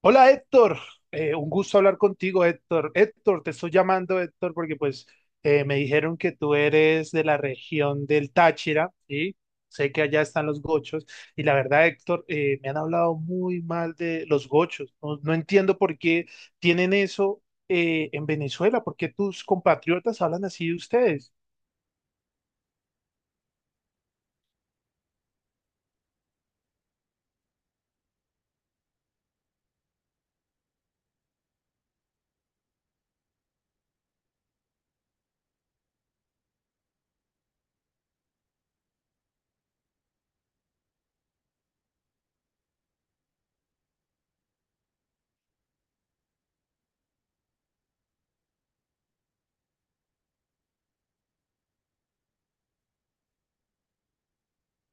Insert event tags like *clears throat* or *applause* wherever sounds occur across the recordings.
Hola Héctor. Un gusto hablar contigo Héctor. Héctor, te estoy llamando Héctor porque pues me dijeron que tú eres de la región del Táchira y sé que allá están los gochos y la verdad Héctor, me han hablado muy mal de los gochos. No entiendo por qué tienen eso en Venezuela, por qué tus compatriotas hablan así de ustedes.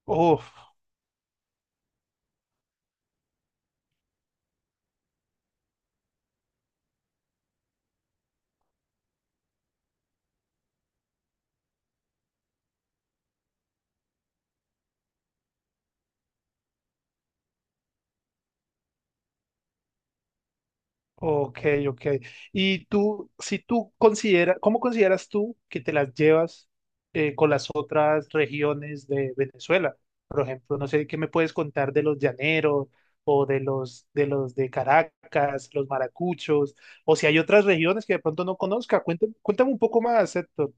Oh. Ok, ok. Y tú, si tú consideras, ¿cómo consideras tú que te las llevas con las otras regiones de Venezuela? Por ejemplo, no sé, ¿qué me puedes contar de los llaneros o de los de Caracas, los maracuchos, o si hay otras regiones que de pronto no conozca? Cuéntame, cuéntame un poco más, Héctor.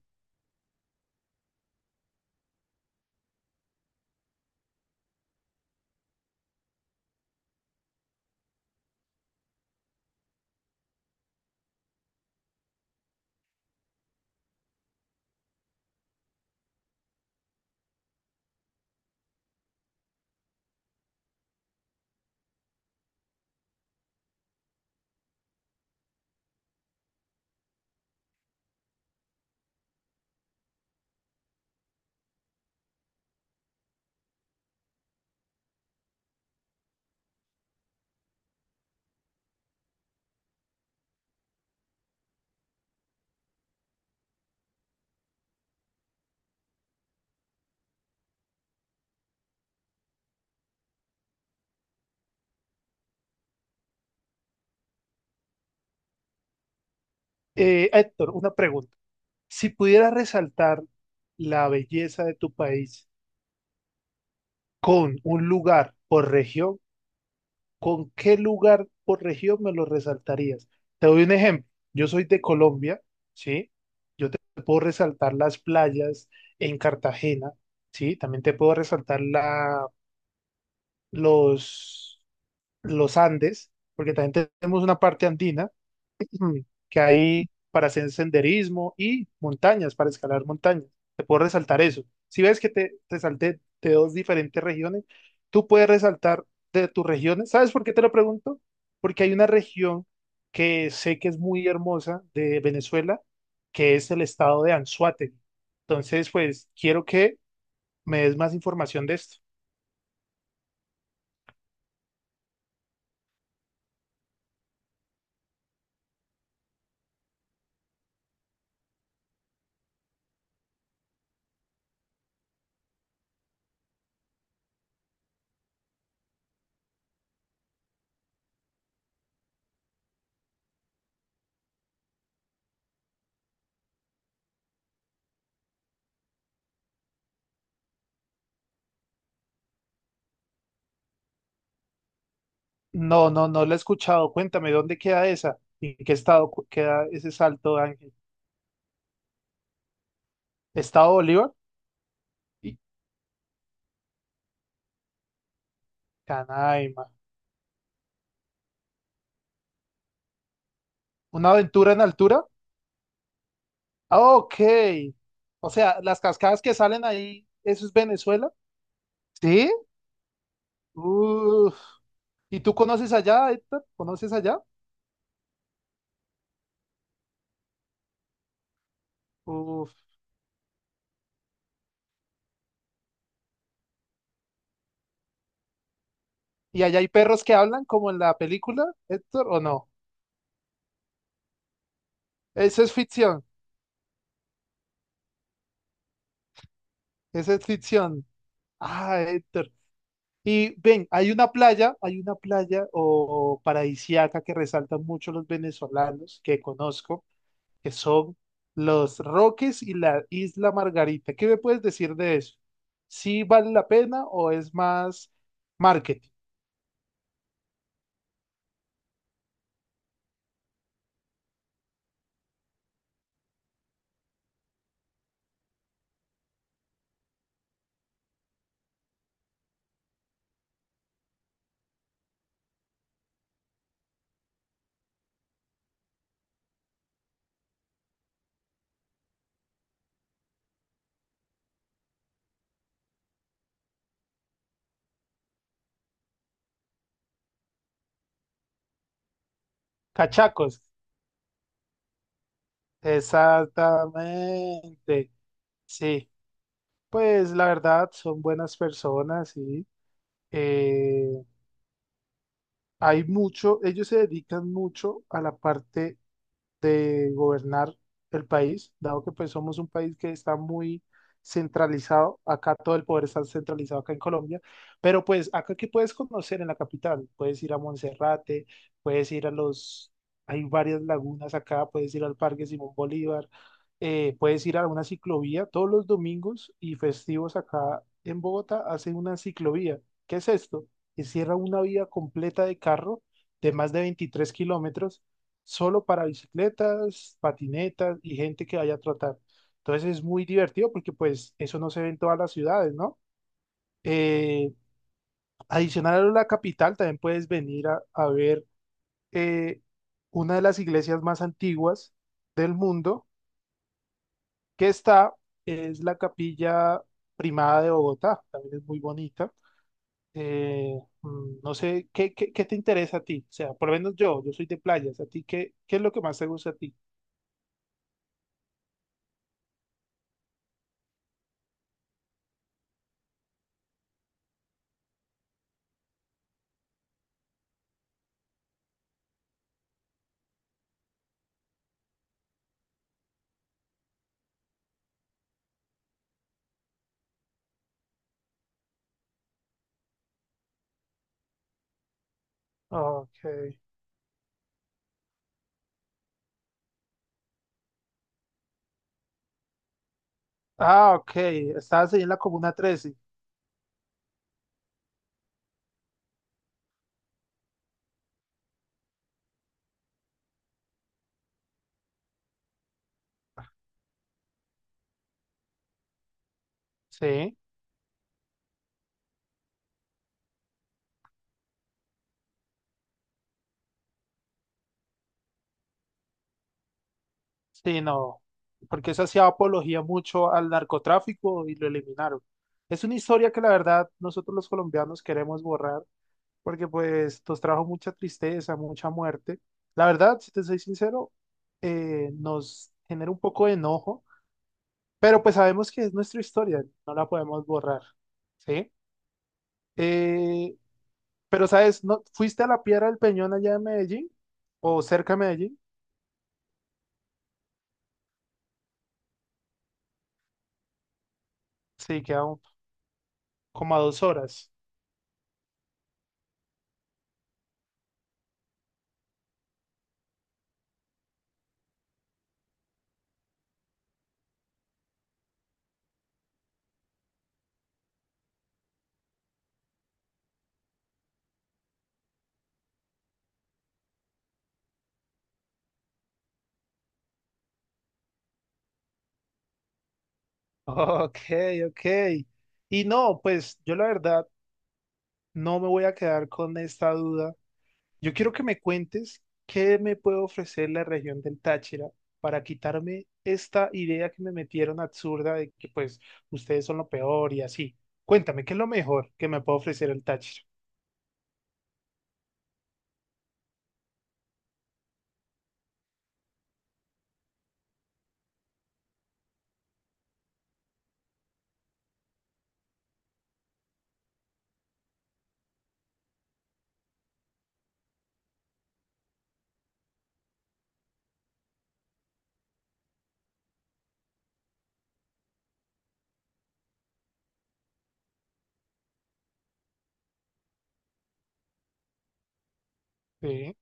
Héctor, una pregunta. Si pudieras resaltar la belleza de tu país con un lugar por región, ¿con qué lugar por región me lo resaltarías? Te doy un ejemplo. Yo soy de Colombia, ¿sí? Yo te puedo resaltar las playas en Cartagena, ¿sí? También te puedo resaltar los, los Andes, porque también tenemos una parte andina, *clears throat* que hay para hacer senderismo y montañas, para escalar montañas. Te puedo resaltar eso. Si ves que te salté de dos diferentes regiones, tú puedes resaltar de tus regiones. ¿Sabes por qué te lo pregunto? Porque hay una región que sé que es muy hermosa de Venezuela, que es el estado de Anzoátegui. Entonces, pues quiero que me des más información de esto. No, no, no la he escuchado. Cuéntame, ¿dónde queda esa? ¿Y ¿En qué estado queda ese Salto Ángel? ¿Estado Bolívar? ¿Y Canaima? ¿Una aventura en altura? Ah, ok. O sea, las cascadas que salen ahí, ¿eso es Venezuela? ¿Sí? Uf. ¿Y tú conoces allá, Héctor? ¿Conoces allá? Uf. ¿Y allá hay perros que hablan como en la película, Héctor, o no? Eso es ficción. Eso es ficción. Ah, Héctor. Y ven, hay una playa o paradisíaca que resaltan mucho los venezolanos que conozco. Que son los Roques y la Isla Margarita. ¿Qué me puedes decir de eso? ¿Sí vale la pena o es más marketing? Cachacos. Exactamente. Sí, pues la verdad son buenas personas y eh, hay mucho, ellos se dedican mucho a la parte de gobernar el país, dado que pues somos un país que está muy centralizado, acá todo el poder está centralizado acá en Colombia, pero pues acá que puedes conocer en la capital, puedes ir a Monserrate, puedes ir a hay varias lagunas acá, puedes ir al Parque Simón Bolívar, puedes ir a una ciclovía, todos los domingos y festivos acá en Bogotá hacen una ciclovía. ¿Qué es esto? Que cierra una vía completa de carro de más de 23 km solo para bicicletas, patinetas y gente que vaya a trotar. Entonces es muy divertido porque pues eso no se ve en todas las ciudades, ¿no? Eh, Adicional a la capital, también puedes venir a ver eh, una de las iglesias más antiguas del mundo que es la Capilla Primada de Bogotá, también es muy bonita. Eh, no sé, qué te interesa a ti? O sea, por lo menos yo soy de playas, ¿a ti qué es lo que más te gusta a ti? Ok. Ah, ok. Estabas ahí en la Comuna 13. Sí, sí, no. Porque eso hacía apología mucho al narcotráfico y lo eliminaron. Es una historia que la verdad nosotros los colombianos queremos borrar porque pues nos trajo mucha tristeza, mucha muerte. La verdad, si te soy sincero, nos genera un poco de enojo, pero pues sabemos que es nuestra historia, no la podemos borrar. ¿Sí? Eh, pero sabes, ¿no, fuiste a la Piedra del Peñón allá en Medellín o cerca de Medellín? Sí, quedan como a dos horas. *laughs* Ok, ok. Y no, pues yo la verdad no me voy a quedar con esta duda. Yo quiero que me cuentes qué me puede ofrecer la región del Táchira para quitarme esta idea que me metieron absurda de que pues ustedes son lo peor y así. Cuéntame, ¿qué es lo mejor que me puede ofrecer el Táchira? Sí.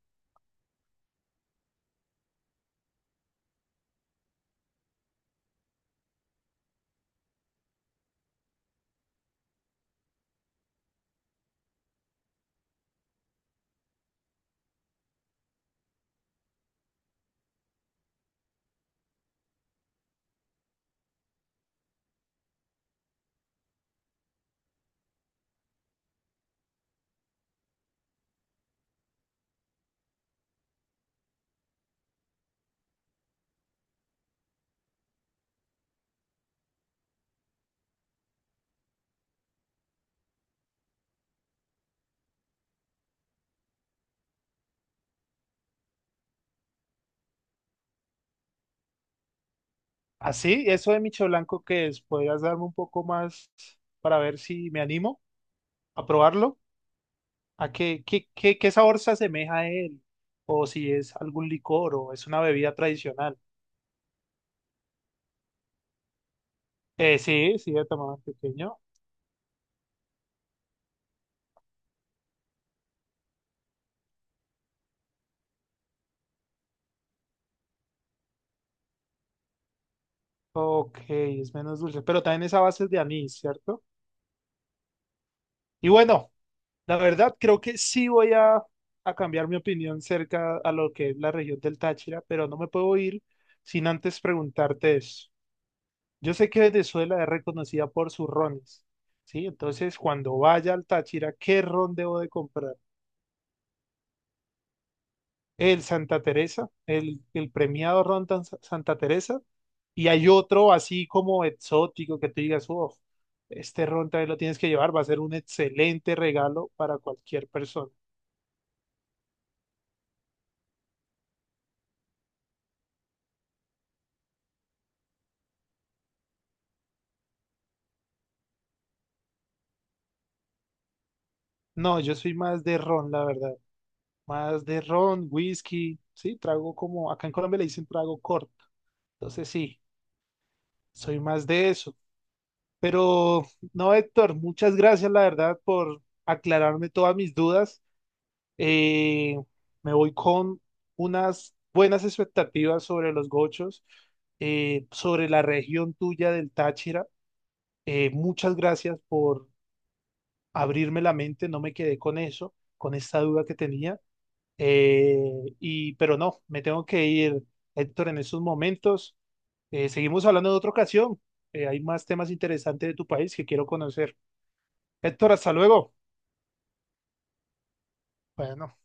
Así, eso de Micho Blanco, ¿qué es? ¿Podrías darme un poco más para ver si me animo a probarlo? ¿A qué sabor se asemeja a él? O si es algún licor o es una bebida tradicional. Sí, sí, de tamaño pequeño. Ok, es menos dulce, pero también es a base de anís, ¿cierto? Y bueno, la verdad creo que sí a cambiar mi opinión cerca a lo que es la región del Táchira, pero no me puedo ir sin antes preguntarte eso. Yo sé que Venezuela es reconocida por sus rones, ¿sí? Entonces, cuando vaya al Táchira, ¿qué ron debo de comprar? El Santa Teresa, el premiado Ron Santa Teresa, y hay otro así como exótico que tú digas, uff, este ron también lo tienes que llevar, va a ser un excelente regalo para cualquier persona. No, yo soy más de ron, la verdad, más de ron, whisky, sí, trago como, acá en Colombia le dicen trago corto, entonces sí, soy más de eso. Pero no, Héctor, muchas gracias, la verdad, por aclararme todas mis dudas. Eh, me voy con unas buenas expectativas sobre los gochos, sobre la región tuya del Táchira. Muchas gracias por abrirme la mente, no me quedé con eso, con esta duda que tenía. Eh, y, pero no, me tengo que ir, Héctor, en estos momentos. Seguimos hablando en otra ocasión. Hay más temas interesantes de tu país que quiero conocer. Héctor, hasta luego. Bueno.